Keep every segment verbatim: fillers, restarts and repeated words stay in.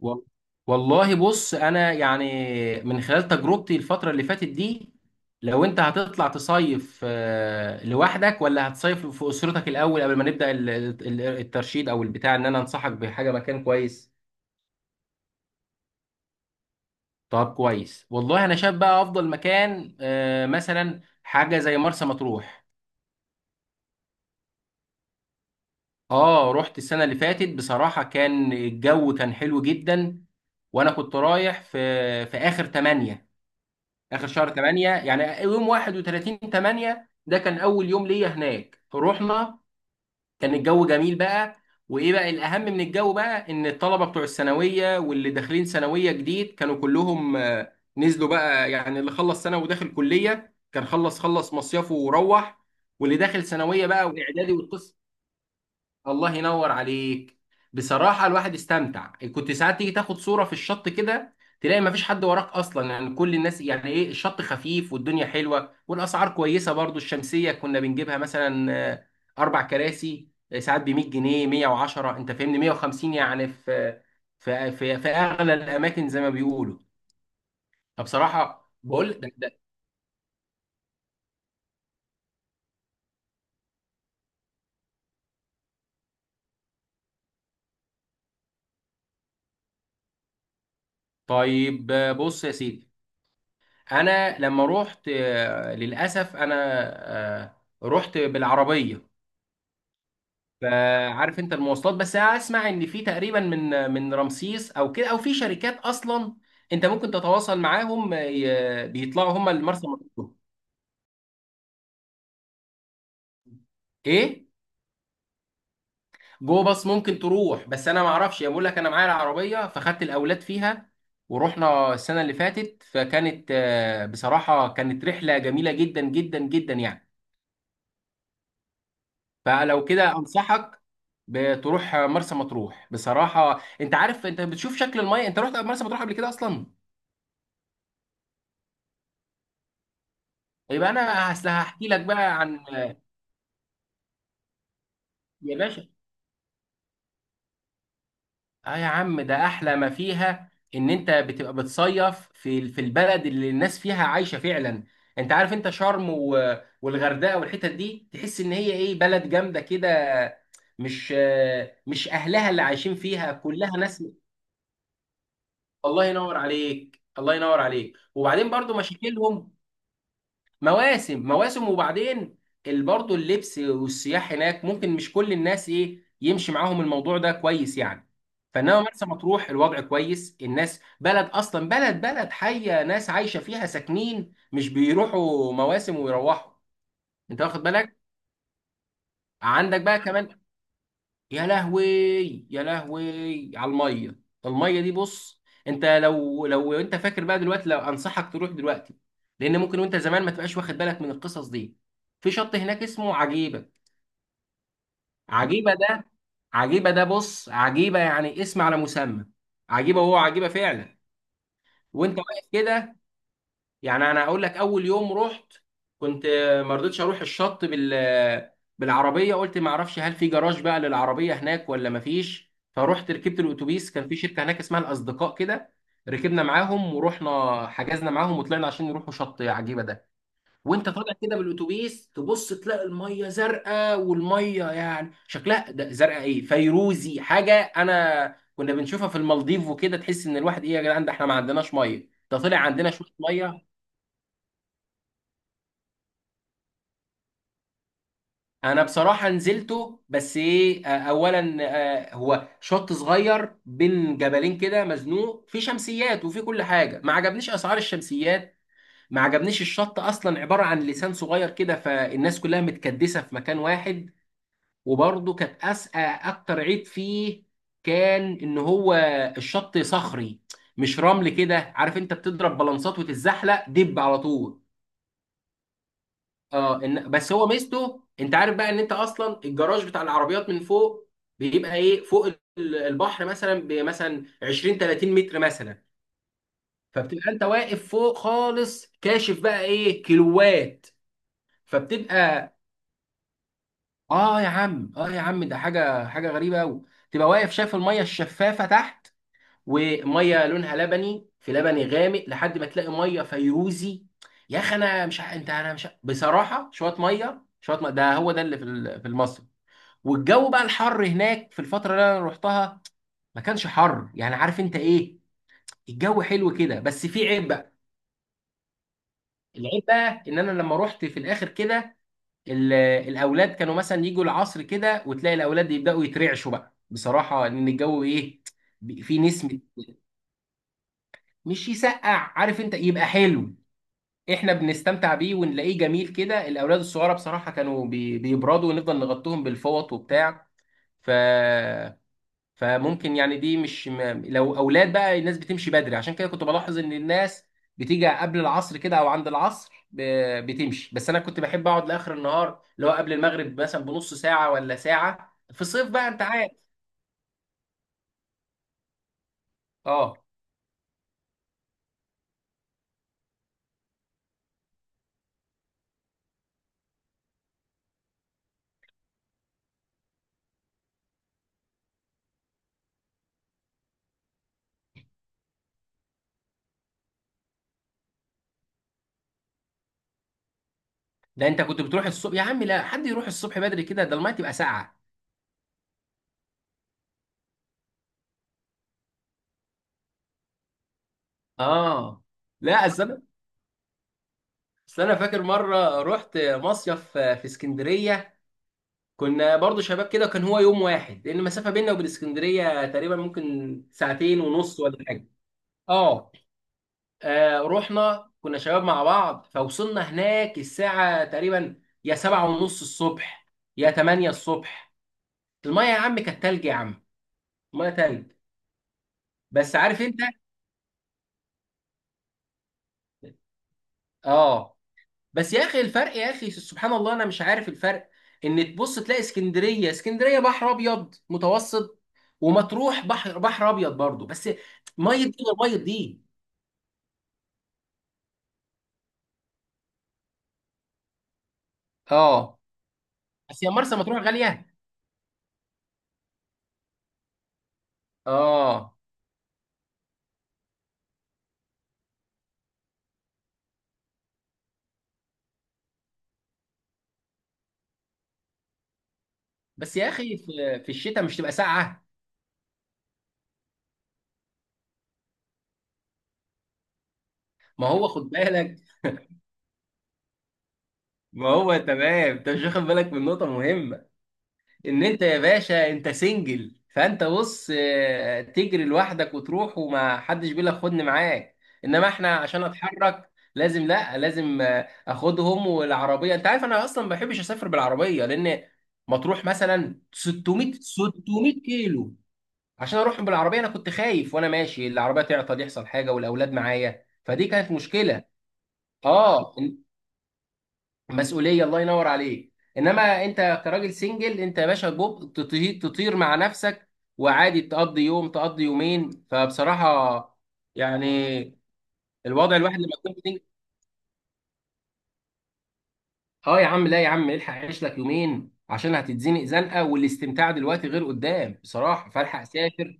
وال- والله بص انا يعني، من خلال تجربتي الفتره اللي فاتت دي، لو انت هتطلع تصيف آه، لوحدك ولا هتصيف في اسرتك الاول قبل ما نبدا ال- ال- الترشيد او البتاع، ان انا انصحك بحاجه مكان كويس. طب كويس، والله انا شايف بقى افضل مكان آه، مثلا حاجه زي مرسى مطروح. اه، رحت السنه اللي فاتت، بصراحه كان الجو كان حلو جدا. وانا كنت رايح في في اخر تمانية، اخر شهر تمانية، يعني يوم واحد وتلاتين تمانية ده كان اول يوم ليا هناك رحنا. كان الجو جميل بقى. وايه بقى الاهم من الجو بقى، ان الطلبه بتوع الثانويه واللي داخلين ثانويه جديد كانوا كلهم آه، نزلوا بقى. يعني اللي خلص ثانوي وداخل كليه كان خلص خلص مصيفه وروح، واللي داخل ثانويه بقى واعدادي والقصه. الله ينور عليك. بصراحة الواحد استمتع، كنت ساعات تيجي تاخد صورة في الشط كده، تلاقي مفيش حد وراك أصلا، يعني كل الناس، يعني إيه، الشط خفيف والدنيا حلوة والأسعار كويسة برضو. الشمسية كنا بنجيبها مثلا آه، أربع كراسي آه، ساعات ب ميه جنيه، ميه وعشرة، أنت فاهمني، ميه وخمسين، يعني في في في, في أغلى الأماكن زي ما بيقولوا. فبصراحة بقول ده ده. طيب آه، بص يا سيدي، أنا لما روحت آه، للأسف أنا آه، رحت بالعربية. فعارف انت المواصلات، بس اسمع ان في تقريبا من من رمسيس او كده، او في شركات اصلا انت ممكن تتواصل معاهم، ي- بيطلعوا هم لمرسى مطروح. ايه جو باص ممكن تروح، بس انا ما اعرفش، بقول لك انا معايا العربيه فخدت الاولاد فيها ورحنا السنه اللي فاتت، فكانت آه، بصراحه كانت رحله جميله جدا جدا جدا يعني. فلو كده انصحك بتروح مرسى مطروح. بصراحه انت عارف، انت بتشوف شكل الميه. انت رحت مرسى مطروح قبل كده اصلا؟ يبقى انا، اصل هحكي لك بقى عن... يا باشا، اه يا عم، ده احلى ما فيها ان انت بتبقى بتصيف في في البلد اللي الناس فيها عايشه فعلا. انت عارف، انت شرم و... والغردقه والحتت دي، تحس ان هي ايه، بلد جامده كده، مش آه، مش اهلها اللي عايشين فيها، كلها ناس. الله ينور عليك، الله ينور عليك. وبعدين برضو مشاكلهم، مواسم مواسم. وبعدين ال- برضه اللبس والسياح هناك، ممكن مش كل الناس ايه يمشي معاهم الموضوع ده كويس يعني. فانما مرسى مطروح الوضع كويس، الناس بلد اصلا، بلد بلد حيه، ناس عايشه فيها ساكنين، مش بيروحوا مواسم ويروحوا. انت واخد بالك؟ عندك بقى كمان. يا لهوي، يا لهوي على الميه. الميه دي، بص انت، لو لو انت فاكر بقى دلوقتي، لو انصحك تروح دلوقتي، لان ممكن وانت زمان ما تبقاش واخد بالك من القصص دي. في شط هناك اسمه عجيبه. عجيبه ده، عجيبه ده، بص، عجيبه يعني اسم على مسمى، عجيبه، وهو عجيبه فعلا. وانت واقف كده، يعني انا هقول لك، اول يوم رحت كنت ما رضيتش اروح الشط بال بالعربيه، قلت ما اعرفش هل في جراج بقى للعربيه هناك ولا ما فيش، فرحت ركبت الاتوبيس. كان في شركه هناك اسمها الاصدقاء كده، ركبنا معاهم ورحنا، حجزنا معاهم وطلعنا عشان يروحوا شط عجيبه ده. وانت طالع كده بالاتوبيس، تبص تلاقي الميه زرقاء، والميه يعني شكلها ده زرقاء، ايه، فيروزي، حاجه انا كنا بنشوفها في المالديف وكده. تحس ان الواحد ايه، يا جدعان ده احنا ما عندناش ميه، ده طلع عندنا شويه ميه. انا بصراحه نزلته، بس ايه آه، اولا، آه، هو شط صغير بين جبلين كده، مزنوق في شمسيات وفي كل حاجه، ما عجبنيش اسعار الشمسيات، ما عجبنيش الشط. اصلا عباره عن لسان صغير كده، فالناس كلها متكدسه في مكان واحد. وبرضه كانت أس... آه، اكتر عيب فيه كان، ان هو الشط صخري، مش رمل كده، عارف انت، بتضرب بلانسات وتتزحلق دب على طول. اه إن، بس هو ميزته، انت عارف بقى، ان انت اصلا الجراج بتاع العربيات من فوق، بيبقى ايه فوق، ال- البحر مثلا بمثلا عشرين تلاتين متر مثلا، فبتبقى انت واقف فوق خالص، كاشف بقى ايه، كيلوات. فبتبقى، اه يا عم، اه يا عم، ده حاجه حاجه غريبه قوي، تبقى واقف شايف الميه الشفافه تحت، وميه لونها لبني، في لبني غامق، لحد ما تلاقي ميه فيروزي. يا اخي انا مش ع- انت انا مش ع- بصراحه، شويه ميه، شويه ميه ده هو ده اللي في ال- في مصر. والجو بقى الحر هناك في الفترة اللي انا رحتها، ما كانش حر يعني، عارف انت ايه، الجو حلو كده. بس في عيب بقى. العيب بقى ان انا لما رحت في الاخر كده، ال- الاولاد كانوا مثلا يجوا العصر كده، وتلاقي الاولاد يبداوا يترعشوا بقى، بصراحة ان الجو ايه، بي- في نسمة. مش يسقع، عارف انت، يبقى حلو، احنا بنستمتع بيه ونلاقيه جميل كده. الاولاد الصغيرة بصراحة كانوا بي- بيبردوا، ونفضل نغطيهم بالفوط وبتاع. ف فممكن يعني، دي مش ما لو اولاد بقى الناس بتمشي بدري، عشان كده كنت بلاحظ ان الناس بتيجي قبل العصر كده او عند العصر ب- بتمشي. بس انا كنت بحب اقعد لاخر النهار اللي هو قبل المغرب مثلا بنص ساعه ولا ساعه، في الصيف بقى انت عارف. اه، ده انت كنت بتروح الصبح يا عم، لا حد يروح الصبح بدري كده، ده الميه تبقى ساقعه. اه، لا، اصل انا اصل انا فاكر مره رحت مصيف في اسكندريه، كنا برضو شباب كده، كان هو يوم واحد، لان المسافه بيننا وبين اسكندريه تقريبا ممكن ساعتين ونص ولا حاجه. اه، آه، رحنا كنا شباب مع بعض، فوصلنا هناك الساعه تقريبا يا سبعة ونص الصبح، يا تمانية الصبح. الميه يا عم كانت تلج يا عم، الميه تلج. بس عارف انت، اه، بس يا اخي الفرق يا اخي، سبحان الله انا مش عارف الفرق، ان تبص تلاقي اسكندريه، اسكندريه بحر ابيض متوسط، ومطروح بحر بحر ابيض برضه بس، ميه دي غير ميه دي. اه، بس يا مرسى مطروح غاليه. اه، بس يا اخي في في الشتاء مش تبقى ساقعه؟ ما هو خد بالك، ما هو تمام. انت مش واخد بالك من نقطه مهمه، ان انت يا باشا انت سنجل، فانت بص آه، تجري لوحدك وتروح وما حدش بيقول لك خدني معاك. انما احنا عشان اتحرك لازم، لا لازم آه، اخدهم والعربيه، انت عارف، انا اصلا ما بحبش اسافر بالعربيه، لان مطروح مثلا ستميه ستميه كيلو. عشان اروح بالعربيه انا كنت خايف وانا ماشي العربيه تعطل يحصل حاجه والاولاد معايا، فدي كانت مشكله. اه، مسؤوليه، الله ينور عليك. انما انت كراجل سنجل، انت يا باشا جوب تطي- تطير مع نفسك، وعادي تقضي يوم تقضي يومين. فبصراحه يعني، الوضع الواحد لما يكون سنجل، اه يا عم، لا يا عم، الحق عيش لك يومين عشان هتتزنق زنقه، والاستمتاع دلوقتي غير قدام بصراحه، فالحق سافر.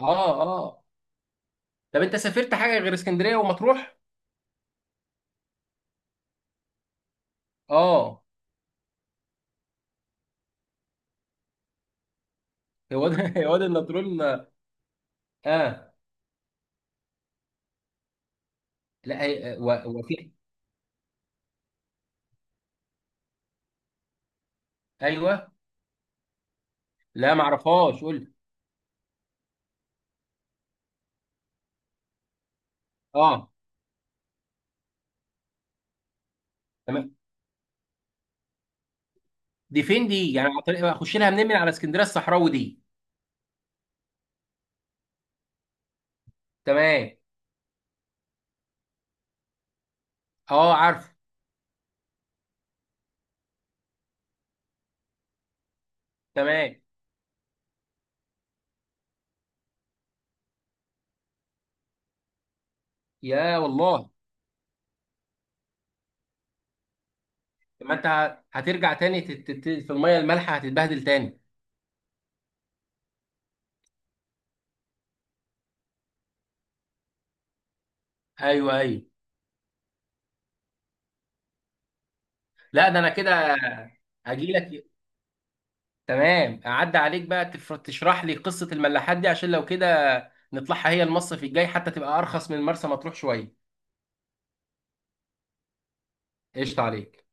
اه اه، طب انت سافرت حاجه غير اسكندريه ومطروح؟ اه، هو ده هو ده النطرون. اه، لا، هي- آه، و- وفي... ايوه، لا معرفهاش، قول. اه، تمام. دي فين دي، يعني عن طريق- اخش لها منين، من على اسكندريه الصحراوي دي؟ تمام. اه عارف. تمام، يا والله. طب ما انت ه- هترجع تاني تت- تت- في الميه المالحه هتتبهدل تاني؟ ايوه ايوه. لا ده انا كده هجي لك. تمام، اعدي عليك بقى تف- تشرح لي قصه الملاحات دي، عشان لو كده نطلعها هي المصيف الجاي حتى، تبقى ارخص من مرسى مطروح شويه. قشطه عليك.